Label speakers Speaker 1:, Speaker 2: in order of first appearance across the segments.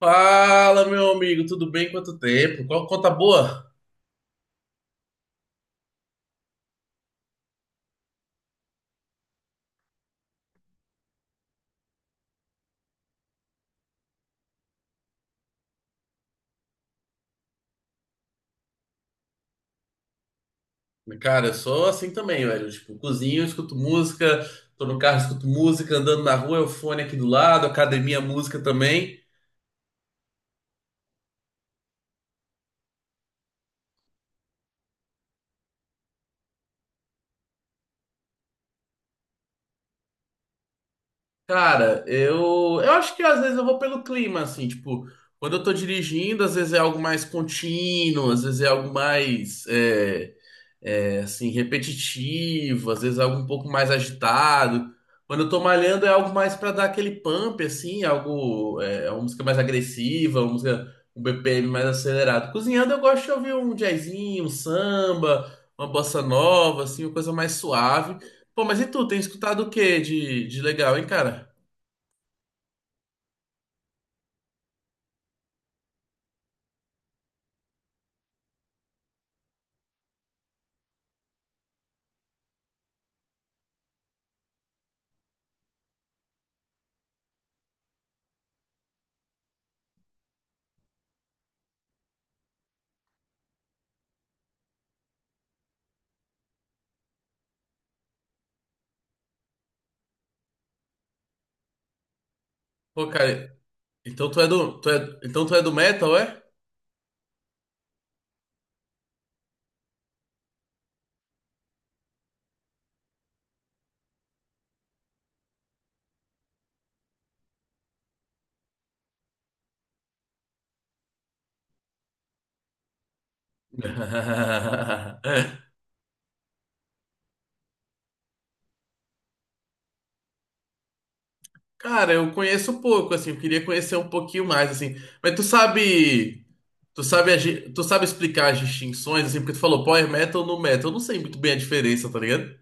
Speaker 1: Fala, meu amigo, tudo bem? Quanto tempo? Qual conta boa? Cara, eu sou assim também, velho. Tipo, cozinho, escuto música, tô no carro, escuto música, andando na rua, é o fone aqui do lado, academia, música também. Cara, eu acho que às vezes eu vou pelo clima, assim, tipo, quando eu tô dirigindo, às vezes é algo mais contínuo, às vezes é algo mais, assim, repetitivo, às vezes algo um pouco mais agitado. Quando eu tô malhando é algo mais para dar aquele pump, assim, algo, é uma música mais agressiva, uma música, um BPM mais acelerado. Cozinhando eu gosto de ouvir um jazzinho, um samba, uma bossa nova, assim, uma coisa mais suave. Pô, mas e tu, tem escutado o que de legal, hein, cara? Pô, cara, então tu é do metal, é? Cara, eu conheço pouco, assim, eu queria conhecer um pouquinho mais, assim. Mas tu sabe, tu sabe explicar as distinções, assim, porque tu falou power metal no metal. Eu não sei muito bem a diferença, tá ligado?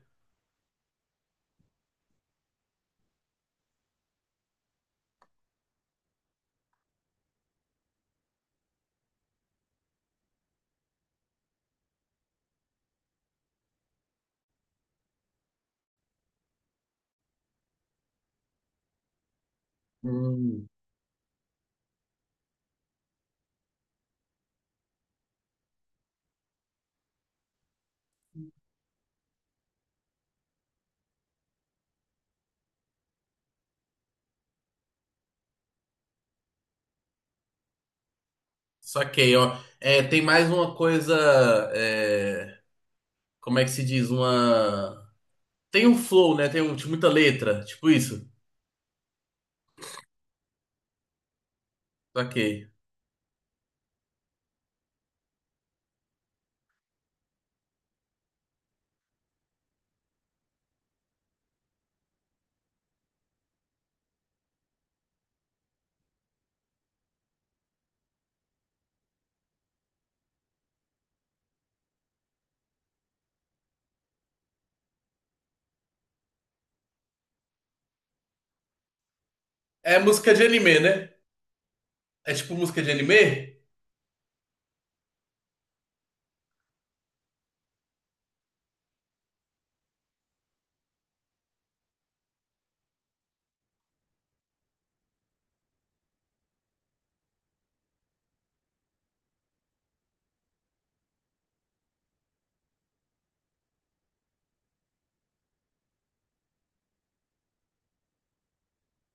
Speaker 1: Hum. Saquei, ó. É, tem mais uma coisa, é, como é que se diz? Uma Tem um flow, né? Tem um, tipo, muita letra. Tipo isso. Saquei. É música de anime, né? É tipo música de anime?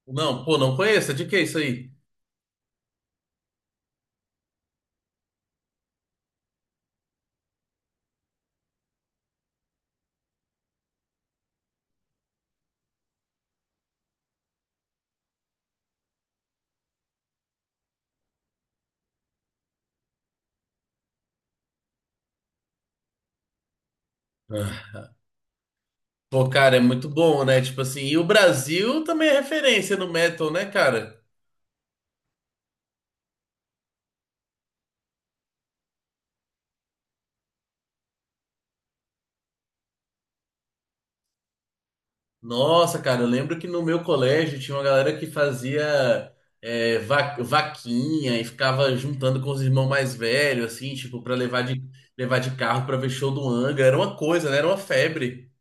Speaker 1: Não, pô, não conheço. De que é isso aí? Ah. Pô, cara, é muito bom, né? Tipo assim, e o Brasil também é referência no metal, né, cara? Nossa, cara, eu lembro que no meu colégio tinha uma galera que fazia é, vaquinha e ficava juntando com os irmãos mais velhos, assim, tipo, levar de carro pra ver show do Anga. Era uma coisa, né? Era uma febre.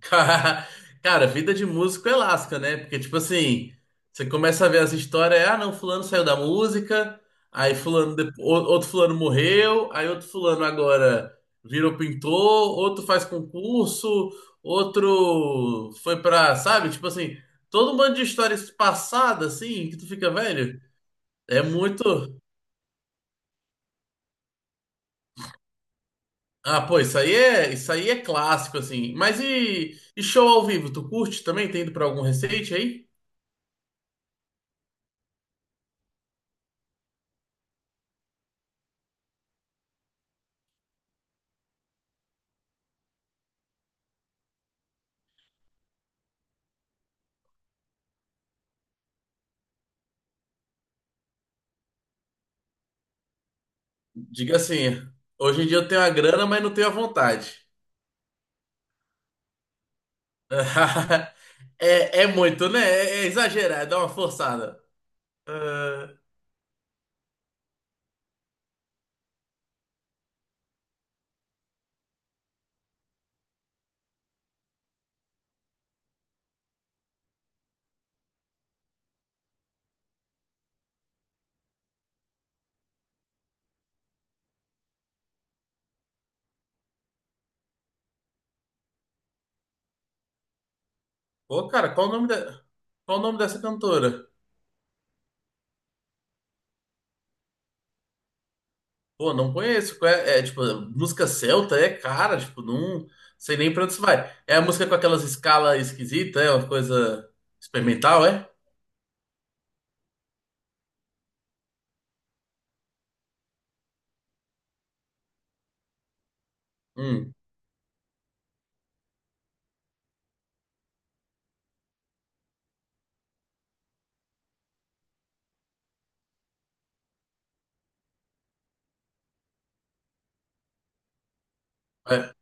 Speaker 1: Ca- Cara, vida de músico é lasca, né? Porque, tipo assim, você começa a ver as histórias, é, ah, não, fulano saiu da música, aí fulano, outro fulano morreu, aí outro fulano agora virou pintor, outro faz concurso, sabe? Tipo assim, todo um monte de histórias passadas, assim, que tu fica, velho, é muito... Ah, pô, isso aí é clássico, assim. Mas e show ao vivo, tu curte também? Tem ido pra algum recente aí? Diga assim, hoje em dia eu tenho a grana, mas não tenho a vontade. É, é muito, né? É, é exagerado, é uma forçada. Ah, pô, cara, qual o nome dessa cantora? Pô, não conheço. Qual É, é, tipo, música celta é cara, tipo, não sei nem pra onde isso vai. É a música com aquelas escalas esquisitas, é uma coisa experimental, é? Hum, vai,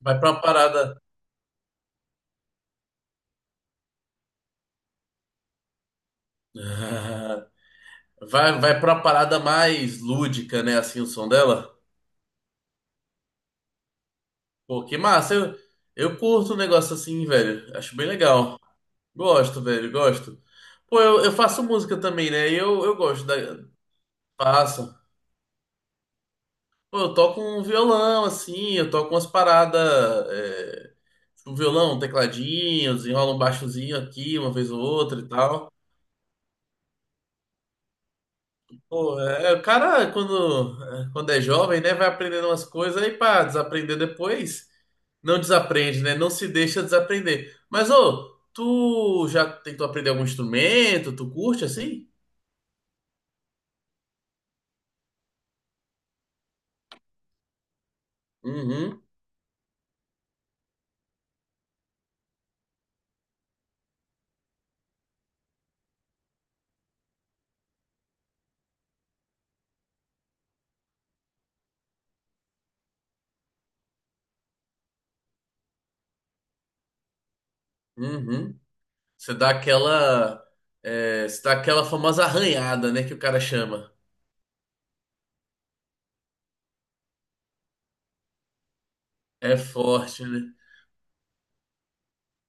Speaker 1: vai pra uma parada. Ah, vai, vai pra uma parada mais lúdica, né? Assim, o som dela. Pô, que massa. Eu curto um negócio assim, velho. Acho bem legal. Gosto, velho, gosto. Pô, eu faço música também, né? Eu gosto da. Faço. Pô, eu toco um violão, assim, eu toco umas paradas. É, tipo, violão, tecladinho, desenrola um baixozinho aqui, uma vez ou outra e tal. Pô, é, é, quando é jovem, né, vai aprendendo umas coisas aí para desaprender depois. Não desaprende, né? Não se deixa desaprender. Mas, ô, tu já tentou aprender algum instrumento? Tu curte assim? Uhum, uhum. Você dá aquela, você dá aquela famosa arranhada, né, que o cara chama. É forte, né?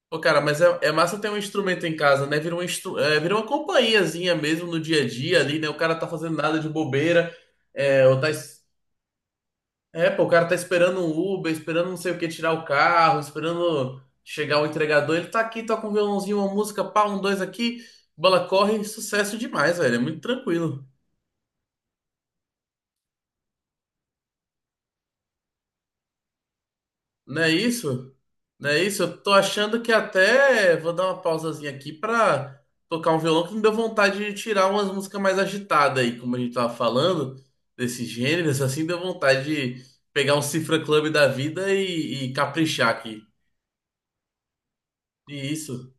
Speaker 1: Pô, cara, mas é massa ter um instrumento em casa, né? Vira um instru... é, vira uma companhiazinha mesmo no dia a dia ali, né? O cara tá fazendo nada de bobeira, é, ou tá es- É, pô, o cara tá esperando um Uber, esperando não sei o que tirar o carro, esperando chegar o entregador. Ele tá aqui, toca um violãozinho, uma música, pá, um, dois aqui, bola corre, sucesso demais, velho. É muito tranquilo. Não é isso? Não é isso? Eu tô achando que até vou dar uma pausazinha aqui pra tocar um violão que me deu vontade de tirar umas músicas mais agitadas aí, como a gente tava falando, desses gêneros, assim, deu vontade de pegar um Cifra Club da vida e caprichar aqui. E isso.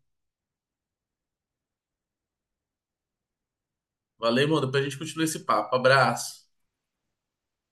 Speaker 1: Valeu, mano. Depois a gente continua esse papo. Abraço.